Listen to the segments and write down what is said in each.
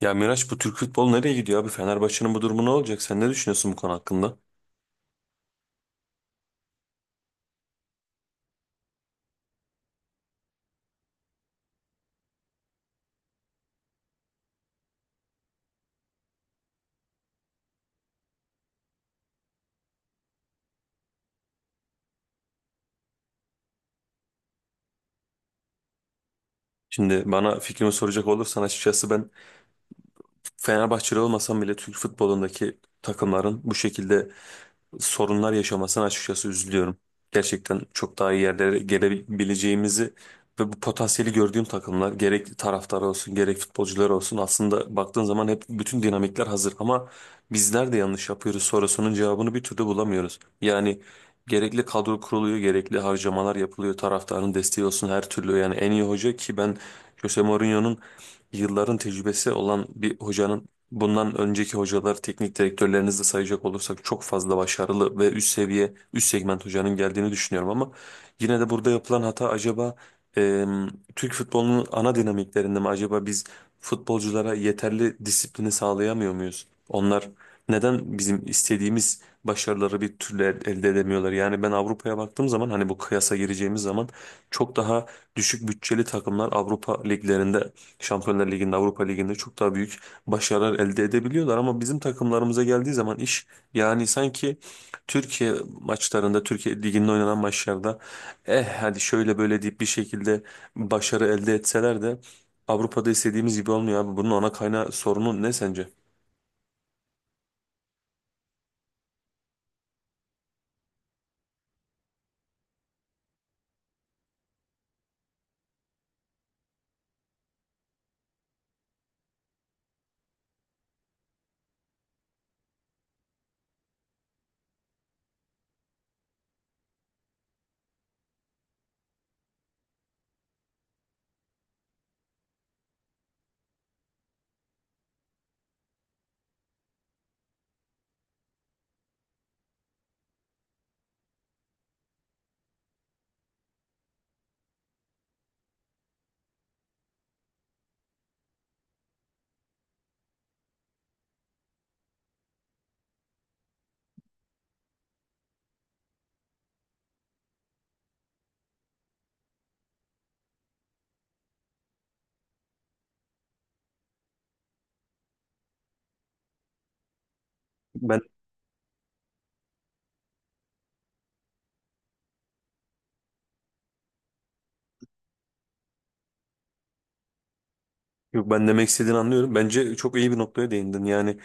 Ya Miraç, bu Türk futbolu nereye gidiyor abi? Fenerbahçe'nin bu durumu ne olacak? Sen ne düşünüyorsun bu konu hakkında? Şimdi bana fikrimi soracak olursan, açıkçası ben Fenerbahçeli olmasam bile Türk futbolundaki takımların bu şekilde sorunlar yaşamasına açıkçası üzülüyorum. Gerçekten çok daha iyi yerlere gelebileceğimizi ve bu potansiyeli gördüğüm takımlar, gerek taraftar olsun gerek futbolcular olsun, aslında baktığın zaman hep bütün dinamikler hazır ama bizler de yanlış yapıyoruz sorusunun cevabını bir türlü bulamıyoruz. Yani gerekli kadro kuruluyor, gerekli harcamalar yapılıyor, taraftarın desteği olsun her türlü, yani en iyi hoca ki, ben Jose Mourinho'nun, yılların tecrübesi olan bir hocanın, bundan önceki hocalar, teknik direktörlerinizi de sayacak olursak çok fazla başarılı ve üst seviye, üst segment hocanın geldiğini düşünüyorum ama yine de burada yapılan hata acaba, e, Türk futbolunun ana dinamiklerinde mi? Acaba biz futbolculara yeterli disiplini sağlayamıyor muyuz? Onlar neden bizim istediğimiz başarıları bir türlü elde edemiyorlar? Yani ben Avrupa'ya baktığım zaman, hani bu kıyasa gireceğimiz zaman, çok daha düşük bütçeli takımlar Avrupa liglerinde, Şampiyonlar Ligi'nde, Avrupa Ligi'nde çok daha büyük başarılar elde edebiliyorlar ama bizim takımlarımıza geldiği zaman iş, yani sanki Türkiye maçlarında, Türkiye Ligi'nde oynanan maçlarda eh hadi şöyle böyle deyip bir şekilde başarı elde etseler de Avrupa'da istediğimiz gibi olmuyor abi. Bunun ana kaynağı, sorunu ne sence? Ben Yok, ben demek istediğini anlıyorum. Bence çok iyi bir noktaya değindin. Yani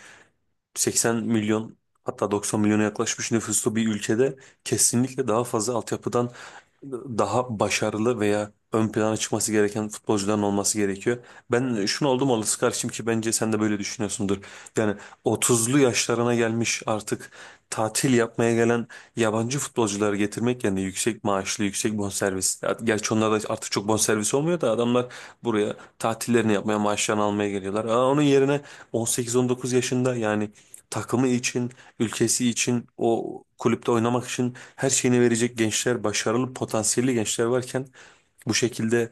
80 milyon, hatta 90 milyona yaklaşmış nüfuslu bir ülkede kesinlikle daha fazla altyapıdan, daha başarılı veya ön plana çıkması gereken futbolcuların olması gerekiyor. Ben şunu oldum olası karşıyım ki, bence sen de böyle düşünüyorsundur. Yani 30'lu yaşlarına gelmiş, artık tatil yapmaya gelen yabancı futbolcuları getirmek, yani yüksek maaşlı, yüksek bonservis. Ya, gerçi onlar da artık çok bonservis olmuyor da, adamlar buraya tatillerini yapmaya, maaşlarını almaya geliyorlar. Onun yerine 18-19 yaşında, yani takımı için, ülkesi için, o kulüpte oynamak için her şeyini verecek gençler, başarılı, potansiyelli gençler varken bu şekilde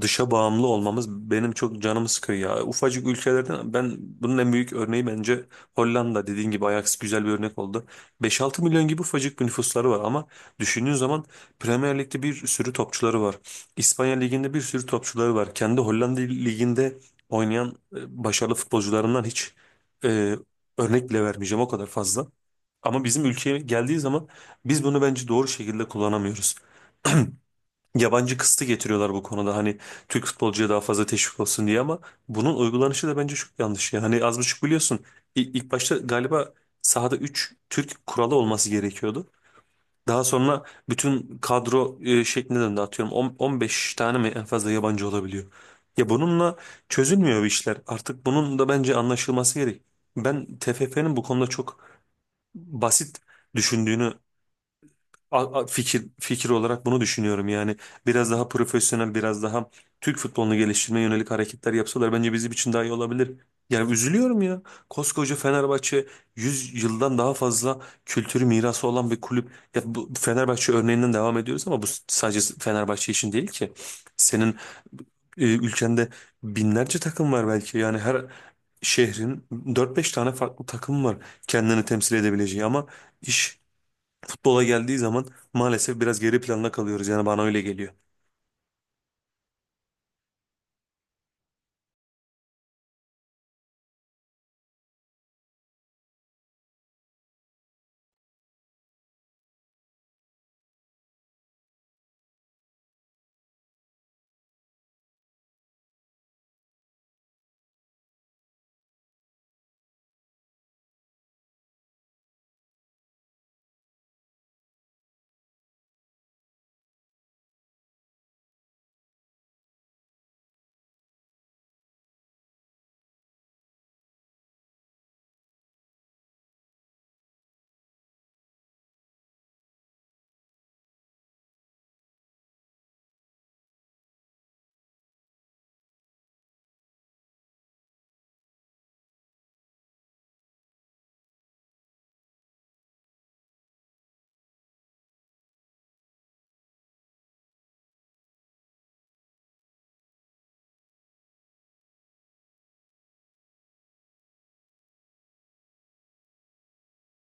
dışa bağımlı olmamız benim çok canımı sıkıyor ya. Ufacık ülkelerden, ben bunun en büyük örneği bence Hollanda. Dediğin gibi Ajax güzel bir örnek oldu. 5-6 milyon gibi ufacık bir nüfusları var ama düşündüğün zaman Premier Lig'de bir sürü topçuları var. İspanya Ligi'nde bir sürü topçuları var. Kendi Hollanda Ligi'nde oynayan başarılı futbolcularından hiç e, örnek bile vermeyeceğim, o kadar fazla. Ama bizim ülkeye geldiği zaman biz bunu bence doğru şekilde kullanamıyoruz. Yabancı kısıtı getiriyorlar bu konuda, hani Türk futbolcuya daha fazla teşvik olsun diye, ama bunun uygulanışı da bence çok yanlış. Yani hani az buçuk biliyorsun, ilk başta galiba sahada 3 Türk kuralı olması gerekiyordu. Daha sonra bütün kadro şekline döndü, atıyorum 15 tane mi en fazla yabancı olabiliyor. Ya bununla çözülmüyor bu işler, artık bunun da bence anlaşılması gerek. Ben TFF'nin bu konuda çok basit düşündüğünü, fikir olarak bunu düşünüyorum yani. Biraz daha profesyonel, biraz daha Türk futbolunu geliştirmeye yönelik hareketler yapsalar bence bizim için daha iyi olabilir. Yani üzülüyorum ya. Koskoca Fenerbahçe, 100 yıldan daha fazla kültürü, mirası olan bir kulüp. Ya, bu Fenerbahçe örneğinden devam ediyoruz ama bu sadece Fenerbahçe için değil ki. Senin ülkende binlerce takım var belki. Yani her şehrin dört beş tane farklı takım var kendini temsil edebileceği ama iş futbola geldiği zaman maalesef biraz geri planda kalıyoruz. Yani bana öyle geliyor.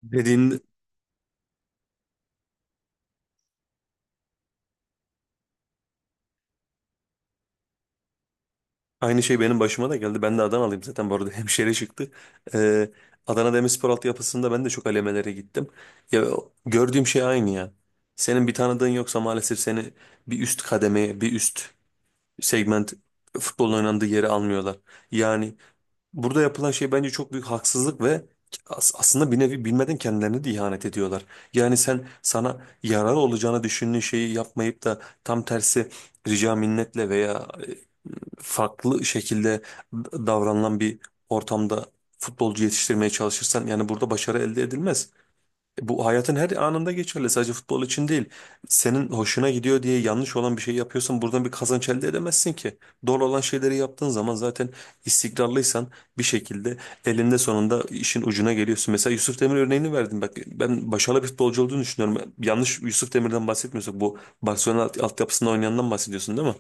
Dediğin Aynı şey benim başıma da geldi. Ben de Adanalıyım zaten bu arada, hemşire çıktı. Ee, Adana Demirspor altyapısında ben de çok alemelere gittim. Ya, gördüğüm şey aynı ya. Senin bir tanıdığın yoksa maalesef seni bir üst kademeye, bir üst segment futbolun oynandığı yere almıyorlar. Yani burada yapılan şey bence çok büyük haksızlık ve aslında bir nevi bilmeden kendilerine de ihanet ediyorlar. Yani sen sana yararlı olacağını düşündüğün şeyi yapmayıp da tam tersi rica minnetle veya farklı şekilde davranılan bir ortamda futbolcu yetiştirmeye çalışırsan, yani burada başarı elde edilmez. Bu hayatın her anında geçerli. Sadece futbol için değil. Senin hoşuna gidiyor diye yanlış olan bir şey yapıyorsan buradan bir kazanç elde edemezsin ki. Doğru olan şeyleri yaptığın zaman, zaten istikrarlıysan, bir şekilde elinde sonunda işin ucuna geliyorsun. Mesela Yusuf Demir örneğini verdim. Bak, ben başarılı bir futbolcu olduğunu düşünüyorum. Yanlış Yusuf Demir'den bahsetmiyorsak, bu Barcelona altyapısında oynayandan bahsediyorsun değil mi?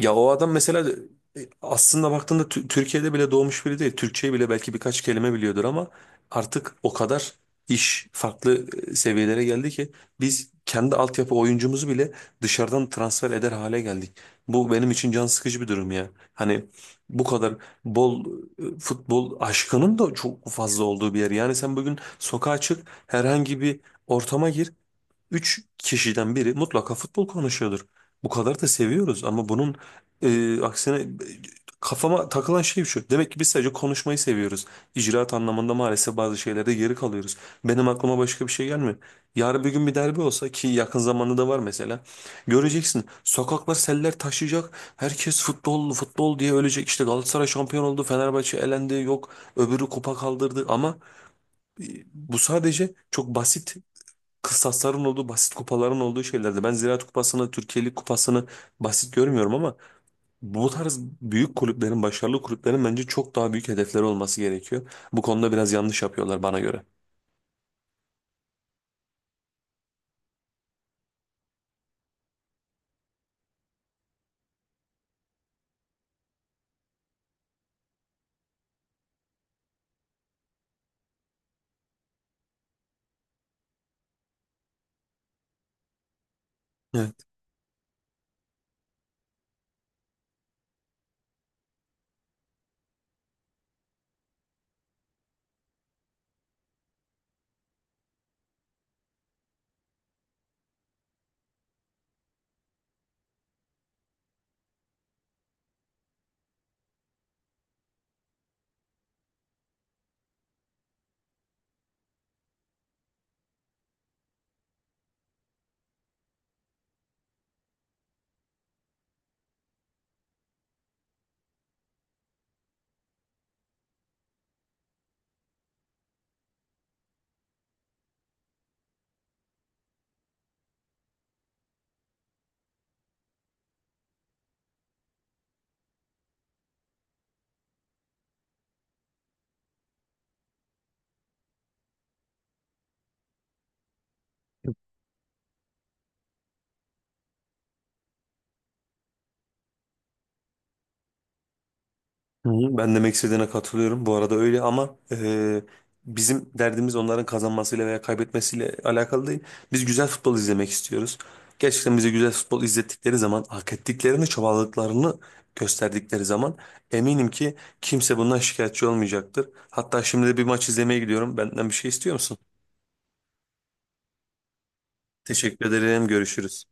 Ya o adam mesela, aslında baktığında Türkiye'de bile doğmuş biri değil. Türkçeyi bile belki birkaç kelime biliyordur ama artık o kadar iş farklı seviyelere geldi ki, biz kendi altyapı oyuncumuzu bile dışarıdan transfer eder hale geldik. Bu benim için can sıkıcı bir durum ya. Hani bu kadar bol futbol aşkının da çok fazla olduğu bir yer. Yani sen bugün sokağa çık, herhangi bir ortama gir. Üç kişiden biri mutlaka futbol konuşuyordur. Bu kadar da seviyoruz ama bunun aksine, kafama takılan şey şu. Demek ki biz sadece konuşmayı seviyoruz. İcraat anlamında maalesef bazı şeylerde geri kalıyoruz. Benim aklıma başka bir şey gelmiyor. Yarın bir gün bir derbi olsa ki, yakın zamanda da var mesela. Göreceksin, sokaklar seller taşıyacak. Herkes futbol futbol diye ölecek. İşte Galatasaray şampiyon oldu, Fenerbahçe elendi, yok öbürü kupa kaldırdı ama e, bu sadece çok basit kıstasların olduğu, basit kupaların olduğu şeylerde. Ben Ziraat Kupası'nı, Türkiye Lig Kupası'nı basit görmüyorum ama bu tarz büyük kulüplerin, başarılı kulüplerin bence çok daha büyük hedefleri olması gerekiyor. Bu konuda biraz yanlış yapıyorlar bana göre. Hı hı. Ben demek istediğine katılıyorum. Bu arada öyle ama bizim derdimiz onların kazanmasıyla veya kaybetmesiyle alakalı değil. Biz güzel futbol izlemek istiyoruz. Gerçekten bize güzel futbol izlettikleri zaman, hak ettiklerini, çabaladıklarını gösterdikleri zaman eminim ki kimse bundan şikayetçi olmayacaktır. Hatta şimdi de bir maç izlemeye gidiyorum. Benden bir şey istiyor musun? Teşekkür ederim. Görüşürüz.